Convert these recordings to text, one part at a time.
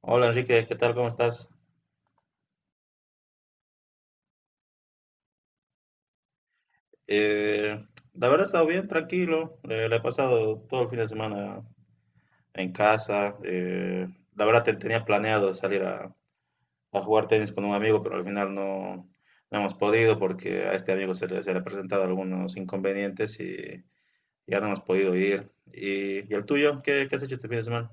Hola Enrique, ¿qué tal? ¿Cómo estás? Eh, la verdad he estado bien, tranquilo. Le he pasado todo el fin de semana en casa. La verdad tenía planeado salir a jugar tenis con un amigo, pero al final no hemos podido porque a este amigo se le han presentado algunos inconvenientes y ya no hemos podido ir. Y el tuyo? Qué has hecho este fin de semana?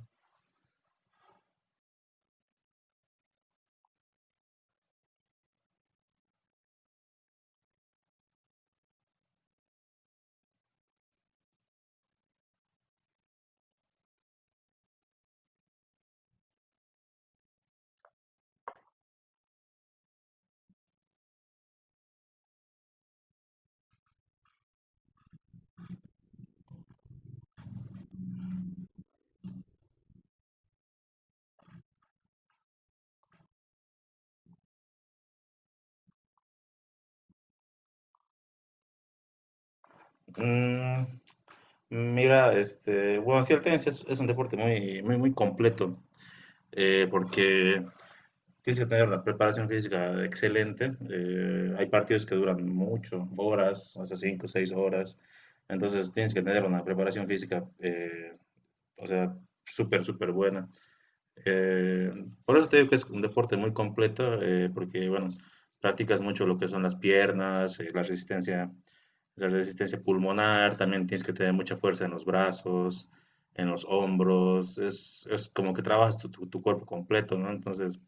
Mm, mira, este, bueno, sí, el tenis es un deporte muy, muy, muy completo porque... Tienes que tener la preparación física excelente. Hay partidos que duran mucho, horas, hasta 5 o 6 horas. Entonces tienes que tener una preparación física, o sea, súper, súper buena. Eh, por eso te digo que es un deporte muy completo, porque, bueno, practicas mucho lo que son las piernas, la resistencia pulmonar, también tienes que tener mucha fuerza en los brazos, en los hombros. Es como que trabajas tu cuerpo completo, ¿no? Entonces,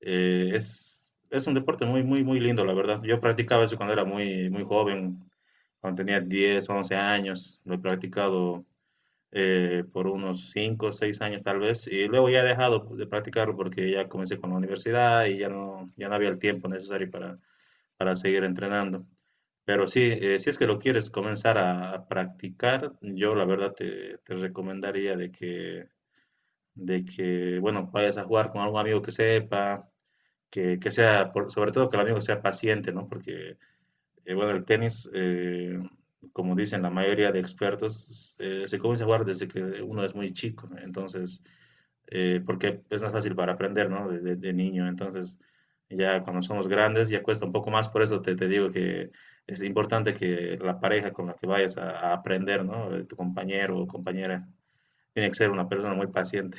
es un deporte muy, muy, muy lindo, la verdad. Yo practicaba eso cuando era muy, muy joven, cuando tenía 10, 11 años. Lo he practicado por unos 5, 6 años tal vez. Y luego ya he dejado de practicarlo porque ya comencé con la universidad y ya ya no había el tiempo necesario para seguir entrenando. Pero sí, si es que lo quieres comenzar a practicar, yo la verdad te recomendaría de de que, bueno, vayas a jugar con algún amigo que sepa que sea, sobre todo que el amigo sea paciente, ¿no? Porque, bueno, el tenis, como dicen la mayoría de expertos, se comienza a jugar desde que uno es muy chico, ¿no? Entonces, porque es más fácil para aprender, ¿no? De niño. Entonces, ya cuando somos grandes ya cuesta un poco más, por eso te digo que es importante que la pareja con la que vayas a aprender, ¿no? Tu compañero o compañera tiene que ser una persona muy paciente.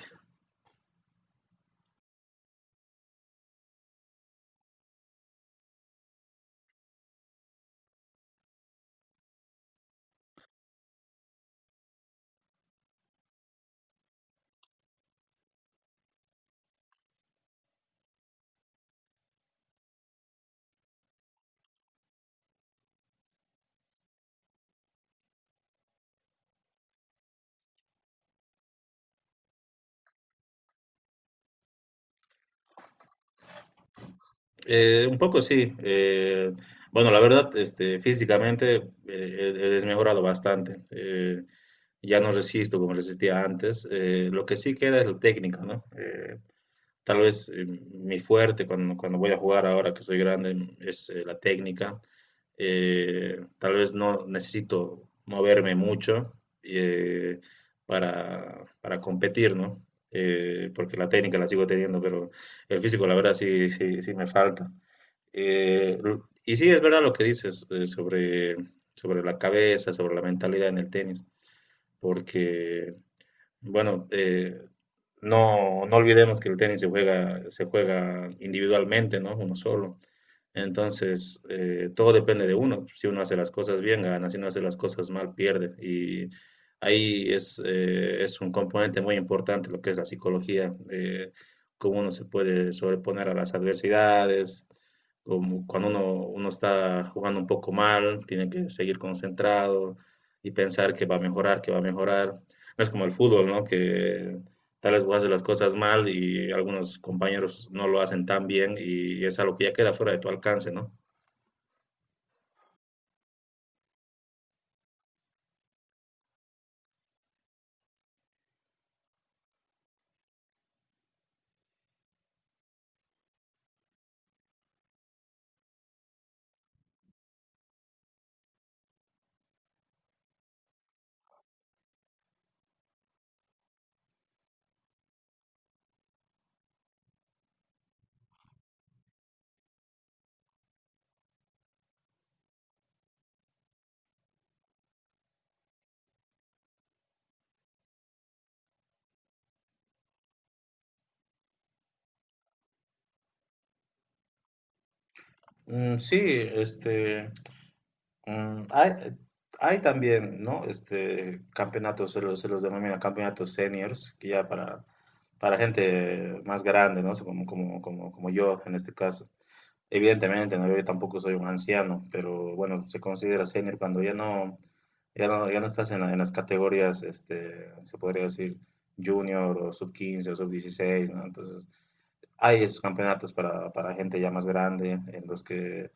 Un poco sí. Bueno, la verdad, este, físicamente he desmejorado bastante. Ya no resisto como resistía antes. Lo que sí queda es la técnica, ¿no? Tal vez mi fuerte cuando voy a jugar ahora que soy grande es la técnica. Tal vez no necesito moverme mucho eh, para competir, ¿no? Porque la técnica la sigo teniendo, pero el físico, la verdad, sí, sí, sí me falta. Eh, y sí, es verdad lo que dices sobre, sobre la cabeza, sobre la mentalidad en el tenis, porque, bueno, no olvidemos que el tenis se juega individualmente, ¿no? Uno solo. Entonces, todo depende de uno. Si uno hace las cosas bien, gana. Si uno hace las cosas mal, pierde. Y ahí es un componente muy importante lo que es la psicología, cómo uno se puede sobreponer a las adversidades, como cuando uno está jugando un poco mal, tiene que seguir concentrado y pensar que va a mejorar, que va a mejorar. No es como el fútbol, ¿no? Que tal vez vos haces las cosas mal y algunos compañeros no lo hacen tan bien y es algo que ya queda fuera de tu alcance, ¿no? Sí, este, mm, hay, hay también, ¿no? Este, campeonatos, se los denomina campeonatos seniors, que ya para gente más grande, ¿no? Como yo en este caso. Evidentemente, ¿no? Yo tampoco soy un anciano, pero bueno, se considera senior cuando ya ya no, ya no estás en, en las categorías, este, se podría decir junior o sub 15 o sub dieciséis, ¿no? Entonces, hay esos campeonatos para gente ya más grande, en los que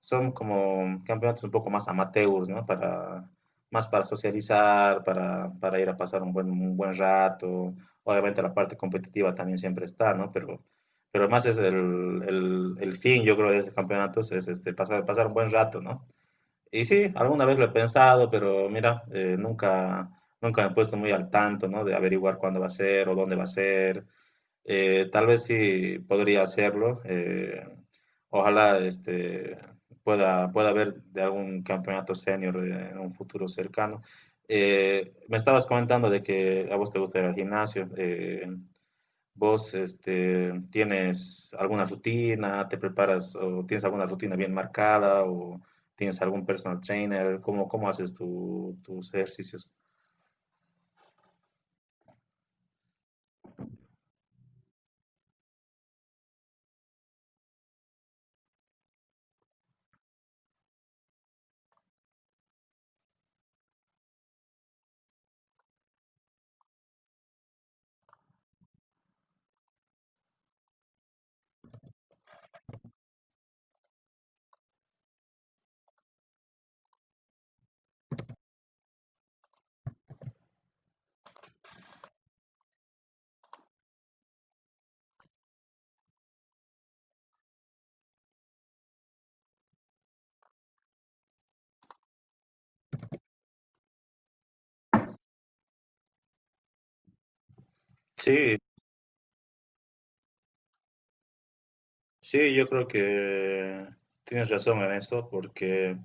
son como campeonatos un poco más amateurs, ¿no? Para, más para socializar, para ir a pasar un buen rato. Obviamente la parte competitiva también siempre está, ¿no? Pero más es el fin, yo creo, de esos campeonatos es este, pasar, pasar un buen rato, ¿no? Y sí, alguna vez lo he pensado, pero mira, nunca, nunca me he puesto muy al tanto, ¿no? De averiguar cuándo va a ser o dónde va a ser. Tal vez sí podría hacerlo. Ojalá este, pueda, pueda ver de algún campeonato senior en un futuro cercano. Me estabas comentando de que a vos te gusta ir al gimnasio. ¿Vos este, tienes alguna rutina? ¿Te preparas o tienes alguna rutina bien marcada? ¿O tienes algún personal trainer? ¿Cómo, cómo haces tus ejercicios? Sí, sí, yo creo que tienes razón en eso porque...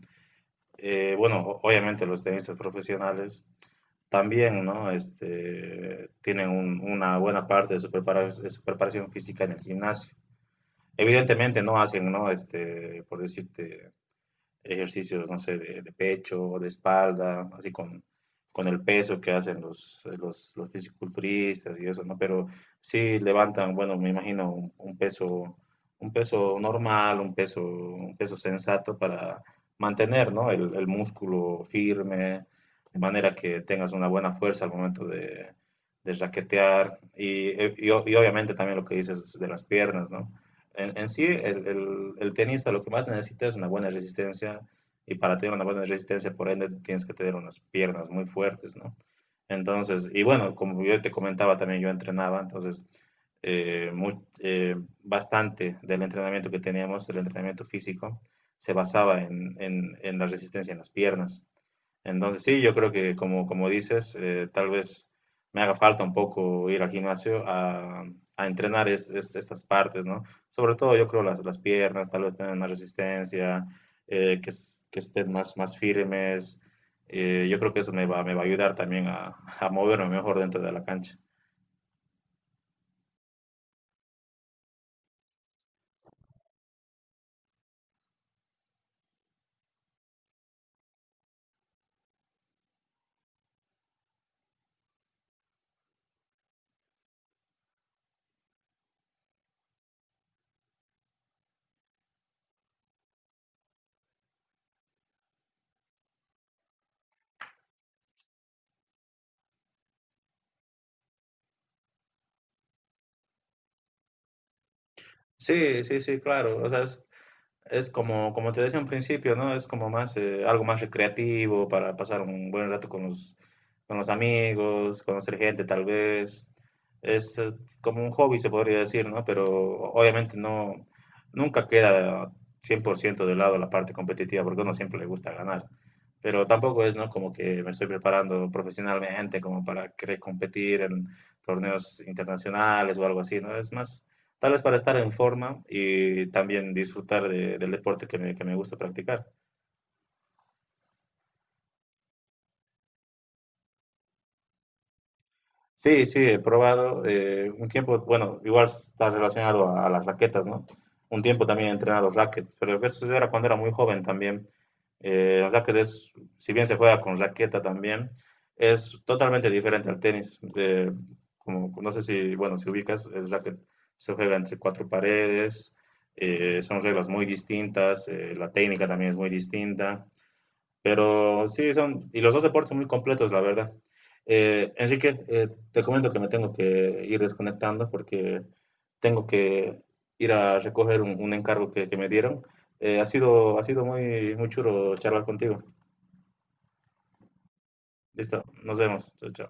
Bueno, obviamente los tenistas profesionales también, ¿no? Este, tienen una buena parte de su de su preparación física en el gimnasio. Evidentemente no hacen, ¿no? Este, por decirte, ejercicios, no sé, de pecho, de espalda, así con el peso que hacen los fisiculturistas y eso, ¿no? Pero sí levantan, bueno, me imagino un peso normal, un peso sensato para mantener, ¿no? El músculo firme, de manera que tengas una buena fuerza al momento de raquetear. Y obviamente también lo que dices de las piernas, ¿no? En sí, el tenista lo que más necesita es una buena resistencia y para tener una buena resistencia, por ende, tienes que tener unas piernas muy fuertes, ¿no? Entonces, y bueno, como yo te comentaba también, yo entrenaba, entonces, eh, mu- eh, bastante del entrenamiento que teníamos, el entrenamiento físico, se basaba en la resistencia en las piernas. Entonces sí, yo creo que como, como dices, tal vez me haga falta un poco ir al gimnasio a entrenar estas partes, ¿no? Sobre todo yo creo las piernas, tal vez tengan más resistencia, que estén más, más firmes. Yo creo que eso me va a ayudar también a moverme mejor dentro de la cancha. Sí, sí, sí, claro. O sea, es como, como te decía en principio, ¿no? Es como más, algo más recreativo para pasar un buen rato con los amigos, conocer gente tal vez. Es como un hobby, se podría decir, ¿no? Pero obviamente no, nunca queda 100% de lado la parte competitiva, porque a uno siempre le gusta ganar. Pero tampoco es, ¿no? Como que me estoy preparando profesionalmente como para querer competir en torneos internacionales o algo así, ¿no? Es más, tal vez para estar en forma y también disfrutar del deporte que me gusta practicar. Sí, sí, he probado un tiempo, bueno, igual está relacionado a las raquetas, ¿no? Un tiempo también he entrenado racket, pero eso era cuando era muy joven también. El racket es, si bien se juega con raqueta también, es totalmente diferente al tenis. Como, no sé si, bueno, si ubicas, el racket se juega entre cuatro paredes, son reglas muy distintas, la técnica también es muy distinta. Pero sí, son, y los dos deportes muy completos, la verdad. Enrique, te comento que me tengo que ir desconectando porque tengo que ir a recoger un encargo que me dieron. Ha sido muy, muy chulo charlar contigo. Listo, nos vemos. Chao, chao.